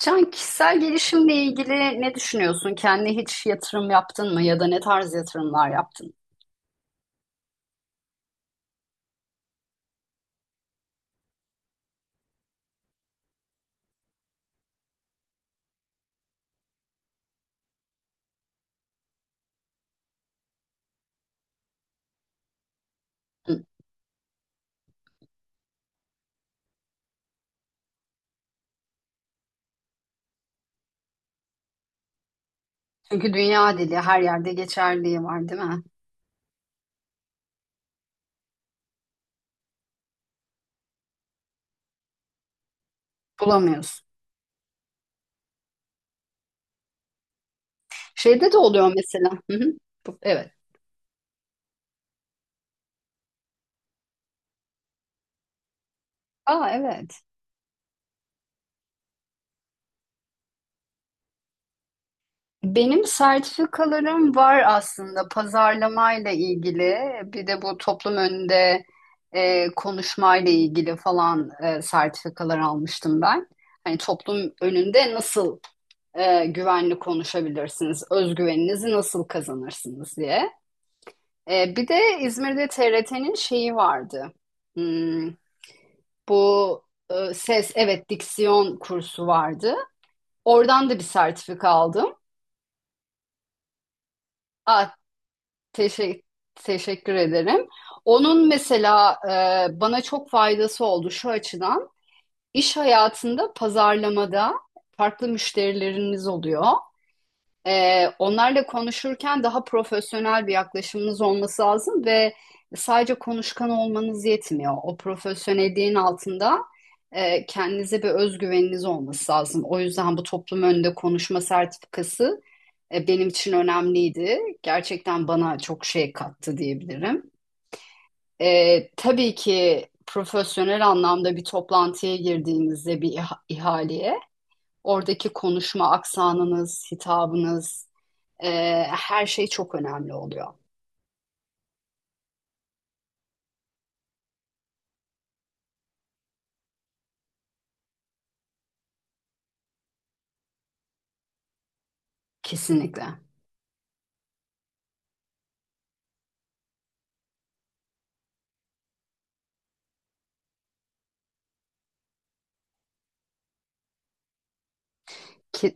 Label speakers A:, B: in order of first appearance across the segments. A: Can, kişisel gelişimle ilgili ne düşünüyorsun? Kendine hiç yatırım yaptın mı ya da ne tarz yatırımlar yaptın? Hı. Çünkü dünya dili her yerde geçerliği var, değil mi? Bulamıyorsun. Şeyde de oluyor mesela. Hı hı. Bu- Evet. Aa evet. Benim sertifikalarım var aslında pazarlamayla ilgili. Bir de bu toplum önünde konuşmayla ilgili falan sertifikalar almıştım ben. Hani toplum önünde nasıl güvenli konuşabilirsiniz, özgüveninizi nasıl kazanırsınız diye. Bir de İzmir'de TRT'nin şeyi vardı. Hmm, bu ses, evet diksiyon kursu vardı. Oradan da bir sertifika aldım. Ah, teşe- teşekkür ederim. Onun mesela bana çok faydası oldu şu açıdan. İş hayatında pazarlamada farklı müşterileriniz oluyor. Onlarla konuşurken daha profesyonel bir yaklaşımınız olması lazım ve sadece konuşkan olmanız yetmiyor. O profesyonelliğin altında kendinize bir özgüveniniz olması lazım. O yüzden bu toplum önünde konuşma sertifikası benim için önemliydi. Gerçekten bana çok şey kattı diyebilirim. Tabii ki profesyonel anlamda bir toplantıya girdiğinizde bir ihaleye, oradaki konuşma aksanınız, hitabınız, e, her şey çok önemli oluyor. Kesinlikle. Ki,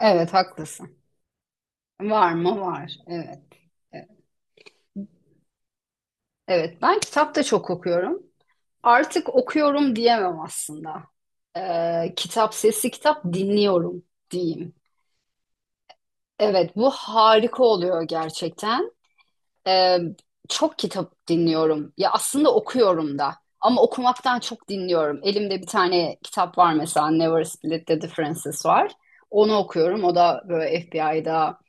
A: evet haklısın. Var mı? Var. Evet. Evet, Evet, ben kitap da çok okuyorum. Artık okuyorum diyemem aslında. Kitap sesi kitap dinliyorum diyeyim. Evet, bu harika oluyor gerçekten. Ee, Çok kitap dinliyorum. Ya aslında okuyorum da. Ama okumaktan çok dinliyorum. Elimde bir tane kitap var mesela Never Split the Differences var. Onu okuyorum. O da böyle FBI'da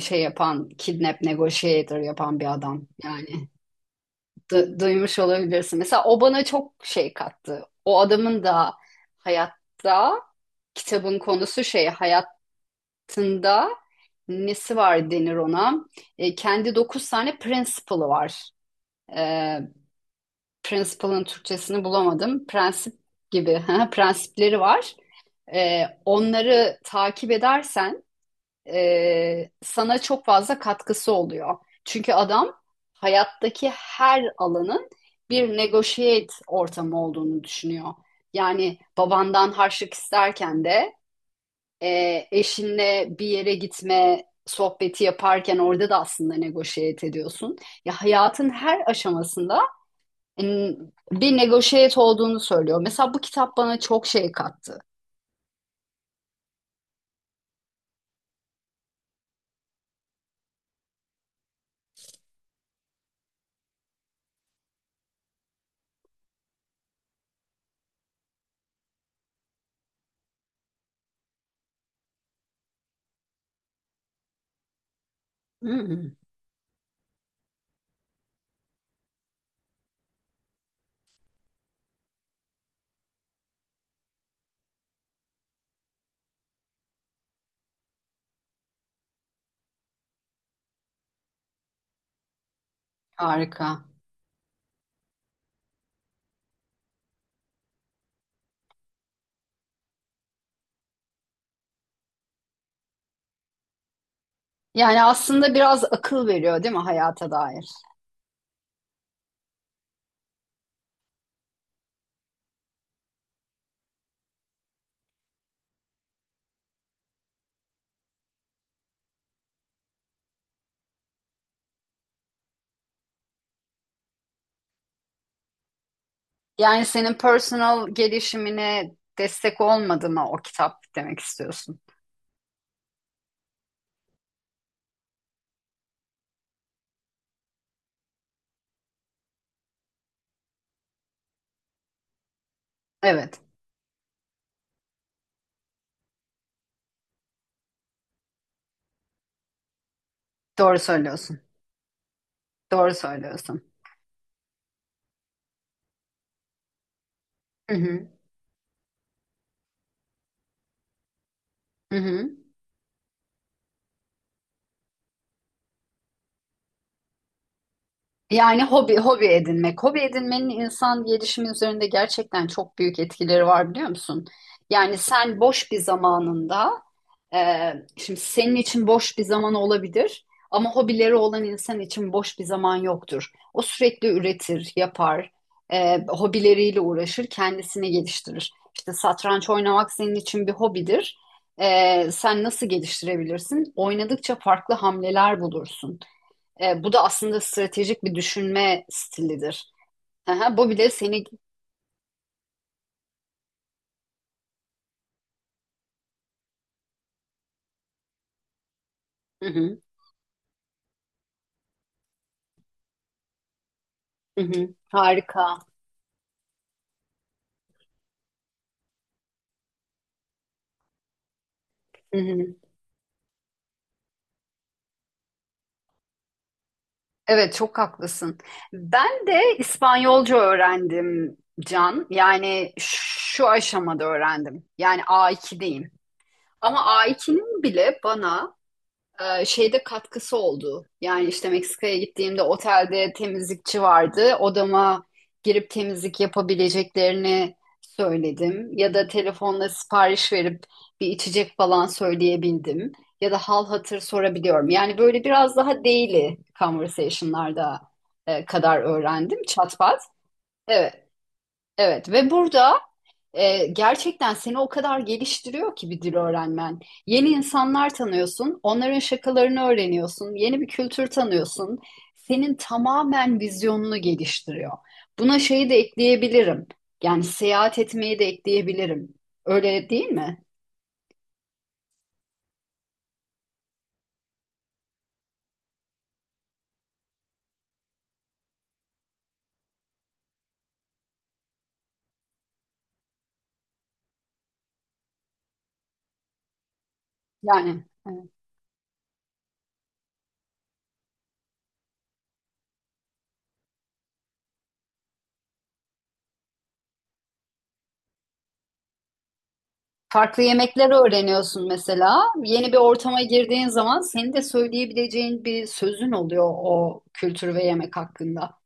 A: şey yapan, kidnap negotiator yapan bir adam. Yani duymuş olabilirsin. Mesela o bana çok şey kattı. O adamın da hayatta kitabın konusu şey hayat hayatında nesi var denir ona? Kendi 9 tane principle'ı var. E, Principle'ın Türkçesini bulamadım. Prensip gibi prensipleri var. Onları takip edersen sana çok fazla katkısı oluyor. Çünkü adam hayattaki her alanın bir negotiate ortamı olduğunu düşünüyor. Yani babandan harçlık isterken de e, eşinle bir yere gitme sohbeti yaparken orada da aslında negoşiyet ediyorsun. Ya hayatın her aşamasında bir negoşiyet olduğunu söylüyor. Mesela bu kitap bana çok şey kattı. Hmm, harika. Yani aslında biraz akıl veriyor değil mi hayata dair? Yani senin personal gelişimine destek olmadı mı o kitap demek istiyorsun. Evet, doğru söylüyorsun. Doğru söylüyorsun. Hı hı, hı hı. Yani hobi hobi edinmek. Hobi edinmenin insan gelişimi üzerinde gerçekten çok büyük etkileri var biliyor musun? Yani sen boş bir zamanında şimdi senin için boş bir zaman olabilir ama hobileri olan insan için boş bir zaman yoktur. O sürekli üretir, yapar, hobileriyle uğraşır, kendisini geliştirir. İşte satranç oynamak senin için bir hobidir. Sen nasıl geliştirebilirsin? Oynadıkça farklı hamleler bulursun. Bu da aslında stratejik bir düşünme stilidir. Aha, bu bile seni... Hı hı, hı hı. Harika. Hı hı. Evet, çok haklısın. Ben de İspanyolca öğrendim Can. Yani şu aşamada öğrendim. Yani A2'deyim. Ama A2'nin bile bana şeyde katkısı oldu. Yani işte Meksika'ya gittiğimde otelde temizlikçi vardı. Odama girip temizlik yapabileceklerini söyledim. Ya da telefonla sipariş verip bir içecek falan söyleyebildim. Ya da hal hatır sorabiliyorum. Yani böyle biraz daha daily conversation'larda kadar öğrendim. Çat pat. Evet. Evet ve burada gerçekten seni o kadar geliştiriyor ki bir dil öğrenmen. Yeni insanlar tanıyorsun, onların şakalarını öğreniyorsun, yeni bir kültür tanıyorsun. Senin tamamen vizyonunu geliştiriyor. Buna şeyi de ekleyebilirim. Yani seyahat etmeyi de ekleyebilirim. Öyle değil mi? Yani evet. Farklı yemekler öğreniyorsun mesela. Yeni bir ortama girdiğin zaman senin de söyleyebileceğin bir sözün oluyor o kültür ve yemek hakkında.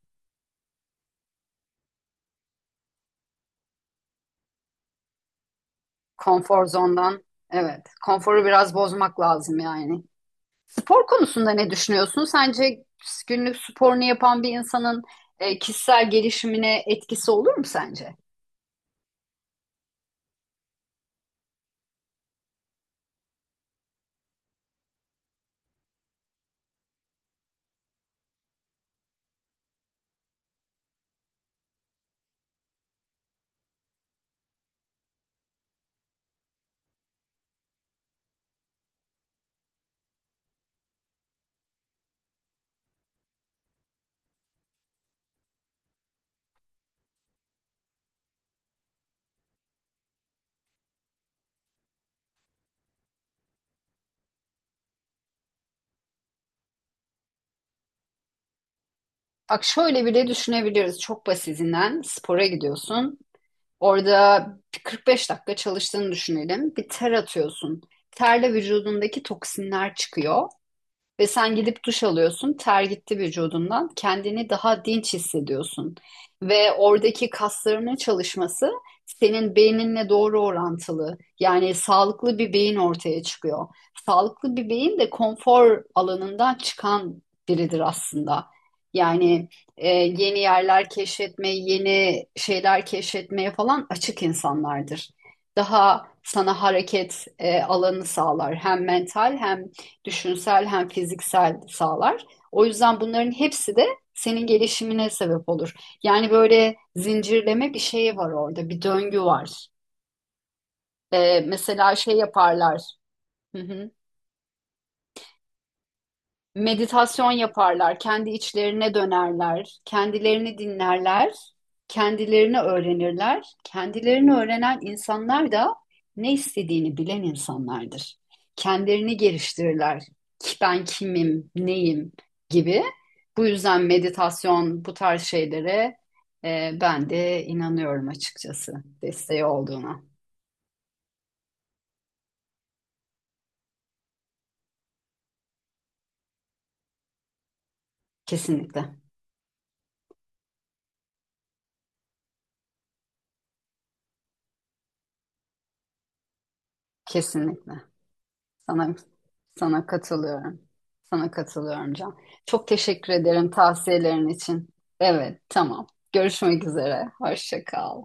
A: Konfor zondan. Evet. Konforu biraz bozmak lazım yani. Spor konusunda ne düşünüyorsun? Sence günlük sporunu yapan bir insanın kişisel gelişimine etkisi olur mu sence? Bak şöyle bile düşünebiliriz. Çok basitinden spora gidiyorsun. Orada 45 dakika çalıştığını düşünelim. Bir ter atıyorsun. Terle vücudundaki toksinler çıkıyor. Ve sen gidip duş alıyorsun, ter gitti vücudundan, kendini daha dinç hissediyorsun. Ve oradaki kaslarının çalışması senin beyninle doğru orantılı. Yani sağlıklı bir beyin ortaya çıkıyor. Sağlıklı bir beyin de konfor alanından çıkan biridir aslında. Yani yeni yerler keşfetmeye, yeni şeyler keşfetmeye falan açık insanlardır. Daha sana hareket alanı sağlar. Hem mental hem düşünsel hem fiziksel sağlar. O yüzden bunların hepsi de senin gelişimine sebep olur. Yani böyle zincirleme bir şey var orada, bir döngü var. Mesela şey yaparlar. Hı hı. Meditasyon yaparlar, kendi içlerine dönerler, kendilerini dinlerler, kendilerini öğrenirler. Kendilerini öğrenen insanlar da ne istediğini bilen insanlardır. Kendilerini geliştirirler. Ki ben kimim, neyim gibi. Bu yüzden meditasyon bu tarz şeylere ben de inanıyorum açıkçası desteği olduğuna. Kesinlikle, kesinlikle. Sana, sana katılıyorum. Sana katılıyorum Can. Çok teşekkür ederim tavsiyelerin için. Evet, tamam. Görüşmek üzere. Hoşça kal.